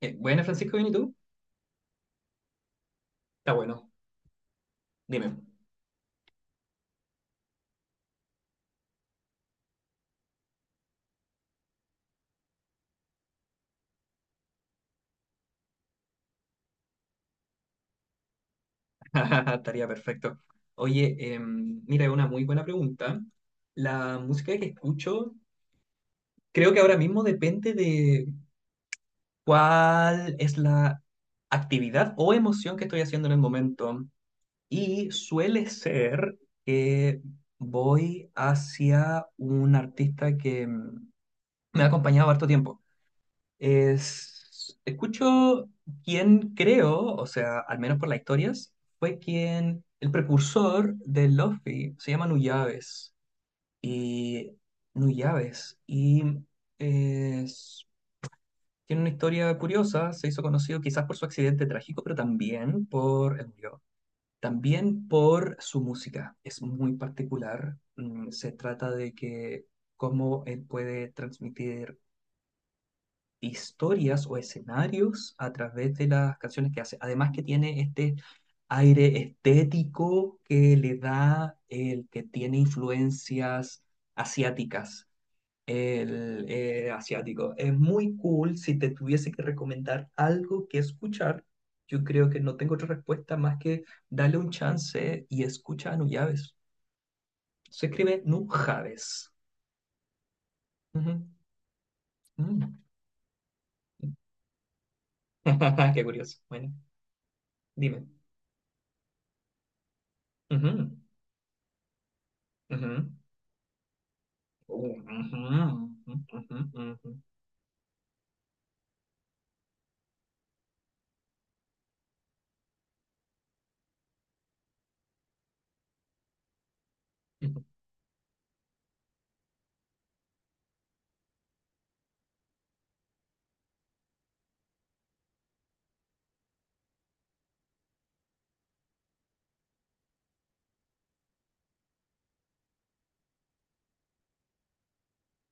Buena, Francisco, ¿bien y tú? Está bueno, dime. Estaría perfecto. Oye, mira, es una muy buena pregunta. La música que escucho, creo que ahora mismo depende de cuál es la actividad o emoción que estoy haciendo en el momento. Y suele ser que voy hacia un artista que me ha acompañado harto tiempo. Escucho quien creo, o sea, al menos por las historias, fue quien, el precursor de Luffy, se llama Nuyabes. Y Nuyabes. Y es- tiene una historia curiosa, se hizo conocido quizás por su accidente trágico, pero también por, él murió, también por su música. Es muy particular. Se trata de que cómo él puede transmitir historias o escenarios a través de las canciones que hace. Además que tiene este aire estético que le da el que tiene influencias asiáticas. El asiático. Es muy cool. Si te tuviese que recomendar algo que escuchar, yo creo que no tengo otra respuesta más que darle un chance y escucha a Nujaves. Se escribe Nujaves. Ujú. Mm. Qué curioso. Bueno, dime. Ujú. Ujú. Ujú, ujú, ujú, ujú.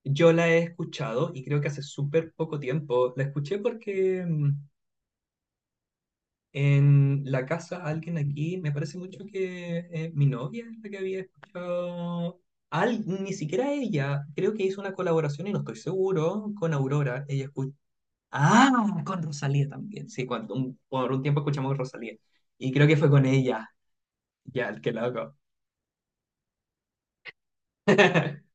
Yo la he escuchado y creo que hace súper poco tiempo. La escuché porque en la casa alguien aquí, me parece mucho que mi novia es la que había escuchado. Al, ni siquiera ella, creo que hizo una colaboración y no estoy seguro con Aurora. Ella escuchó. Ah, con Rosalía también. Sí, cuando, por un tiempo escuchamos Rosalía. Y creo que fue con ella. Ya, qué loco.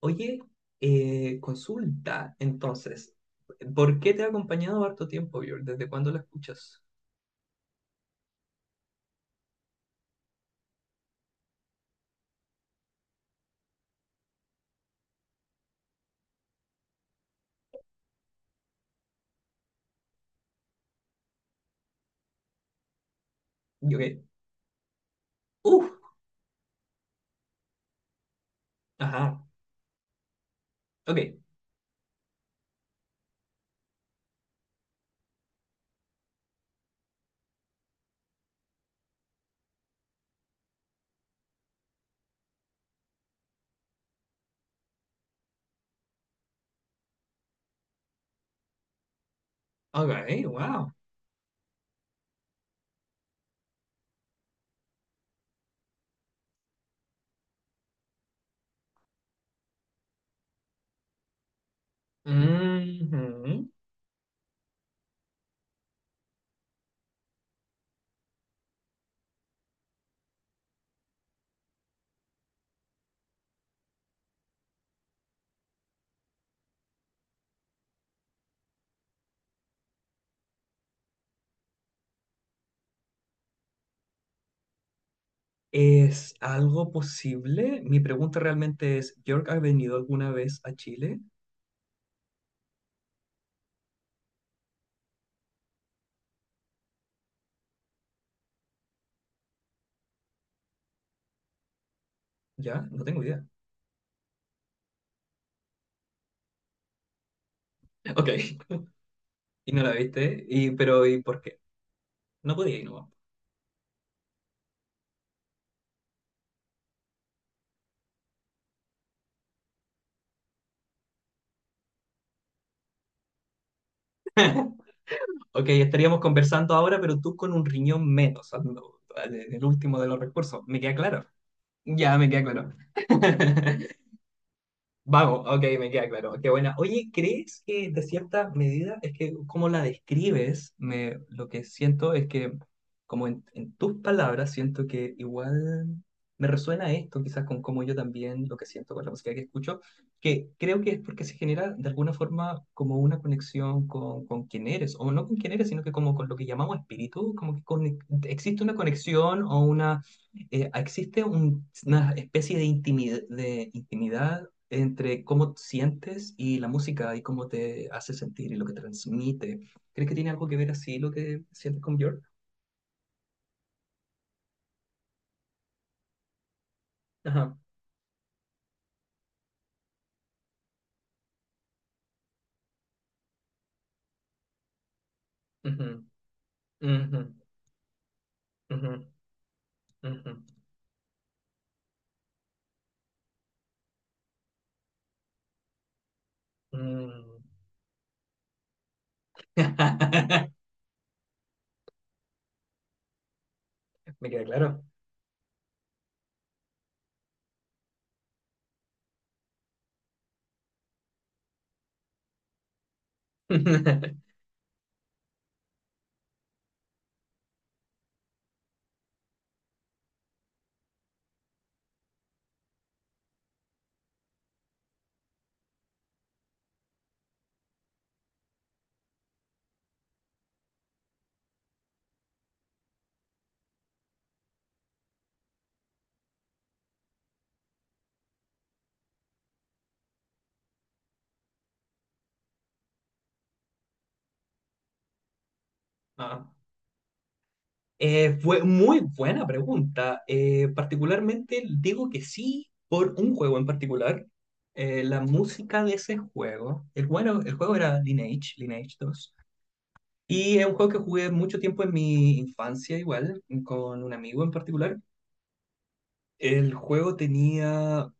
Oye, consulta, entonces, ¿por qué te ha acompañado harto tiempo, Björn? ¿Desde cuándo la escuchas? Y, ok. ¡Uf! Ajá, ok, ok, wow. Ujú. ¿Es algo posible? Mi pregunta realmente es, ¿Björk ha venido alguna vez a Chile? Ya, no tengo idea. Ok, y no la viste, y, pero ¿y por qué? No podía ir, no. Ok, estaríamos conversando ahora, pero tú con un riñón menos, en el último de los recursos, me queda claro. Ya, me queda claro. Vamos, ok, me queda claro. Qué buena. Oye, ¿crees que de cierta medida, es que como la describes, me, lo que siento es que, como en tus palabras, siento que igual me resuena esto, quizás con cómo yo también lo que siento con la música que escucho, que creo que es porque se genera de alguna forma como una conexión con quién eres, o no con quién eres, sino que como con lo que llamamos espíritu, como que existe una conexión o una existe una especie de intimidad entre cómo sientes y la música y cómo te hace sentir y lo que transmite. ¿Crees que tiene algo que ver así lo que sientes con Björk? Ajá. Ujú, ujú, ujú, ujú, mm. Me queda claro. Ah. Fue muy buena pregunta. Particularmente digo que sí por un juego en particular. La música de ese juego, el, bueno, el juego era Lineage, Lineage 2. Y es un juego que jugué mucho tiempo en mi infancia igual, con un amigo en particular. El juego tenía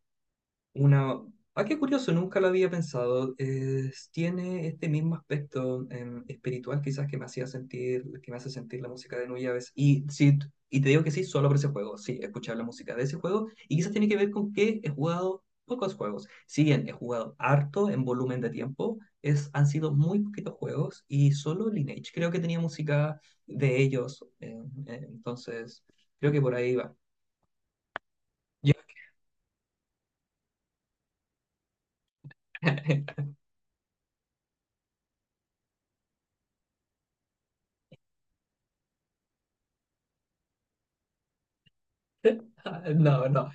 una... Ah, qué curioso, nunca lo había pensado. Tiene este mismo aspecto espiritual quizás que me hacía sentir, que me hace sentir la música de Nujabes. Y sí, y te digo que sí, solo por ese juego. Sí, escuchar la música de ese juego. Y quizás tiene que ver con que he jugado pocos juegos. Si bien he jugado harto en volumen de tiempo, han sido muy poquitos juegos y solo Lineage creo que tenía música de ellos. Entonces, creo que por ahí va. Yo- No, no.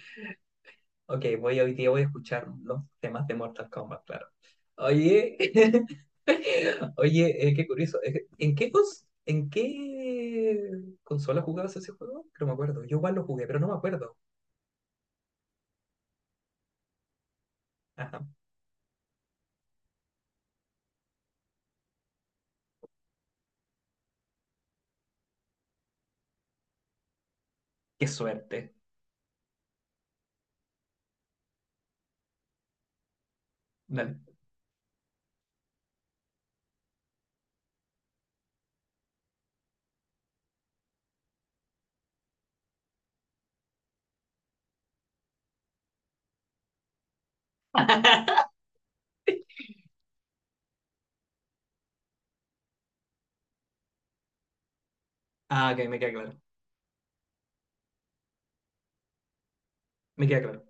Ok, voy hoy día voy a escuchar los temas de Mortal Kombat, claro. Oye, oye, qué curioso. ¿En qué, en qué consola jugabas ese juego? Que no me acuerdo. Yo igual lo jugué, pero no me acuerdo. Ajá. Qué suerte. Dale. Ah, ok, me queda claro. Me queda claro.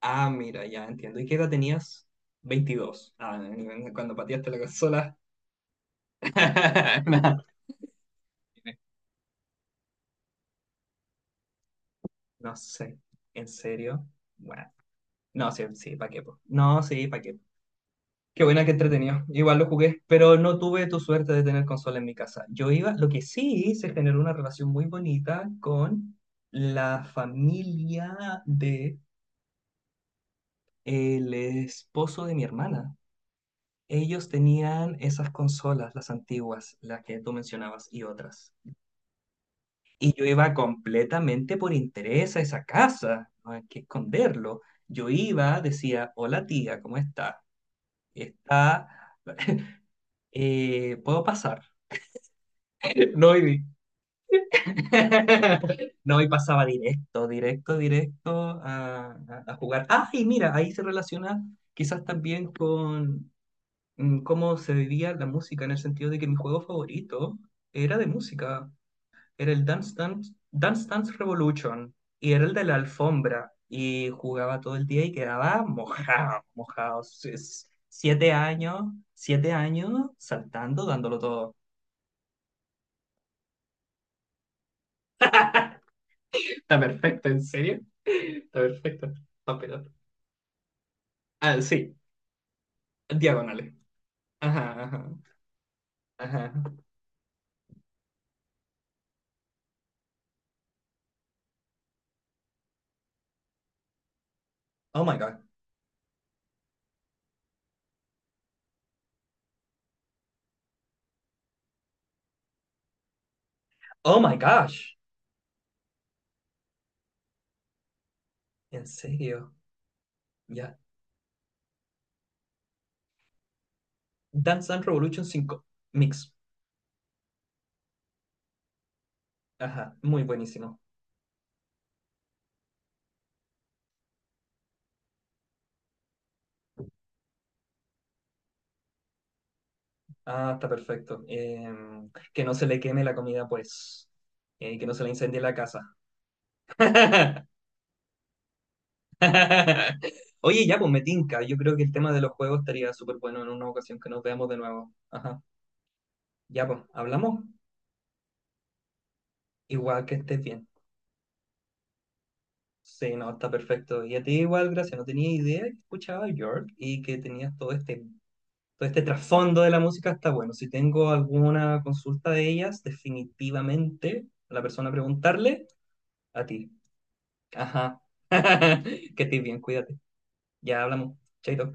Ah, mira, ya entiendo. ¿Y qué edad tenías? 22. Ah, cuando pateaste la consola. No, no sé. ¿En serio? Bueno. No, sí, sí, ¿para qué? Po? No, sí, ¿para qué? Qué buena, que entretenido. Igual lo jugué, pero no tuve tu suerte de tener consola en mi casa. Yo iba, lo que sí se generó una relación muy bonita con la familia de el esposo de mi hermana. Ellos tenían esas consolas, las antiguas, las que tú mencionabas y otras. Y yo iba completamente por interés a esa casa, no hay que esconderlo. Yo iba, decía, hola tía, ¿cómo está? Está, ¿puedo pasar? No, y no, y pasaba directo a, a jugar. Ah, y mira, ahí se relaciona quizás también con cómo se vivía la música, en el sentido de que mi juego favorito era de música, era el Dance Dance Revolution, y era el de la alfombra, y jugaba todo el día y quedaba mojado, mojado. 7 años, 7 años saltando, dándolo todo. Está perfecto, en serio. Está perfecto. Va. Ah, sí, diagonales. Ajá, ajá, ajá. Oh my god. Oh my gosh. En serio. Ya. Dance Dance Revolution 5 Mix. Ajá. Muy buenísimo. Ah, está perfecto. Que no se le queme la comida, pues. Que no se le incendie la casa. Oye, ya, pues me tinca. Yo creo que el tema de los juegos estaría súper bueno en una ocasión que nos veamos de nuevo. Ajá. Ya, pues, hablamos. Igual que estés bien. Sí, no, está perfecto. Y a ti igual, gracias. No tenía idea que escuchaba York y que tenías todo este trasfondo de la música. Está bueno. Si tengo alguna consulta de ellas, definitivamente a la persona a preguntarle a ti. Ajá. Que estés bien, cuídate. Ya hablamos. Chaito.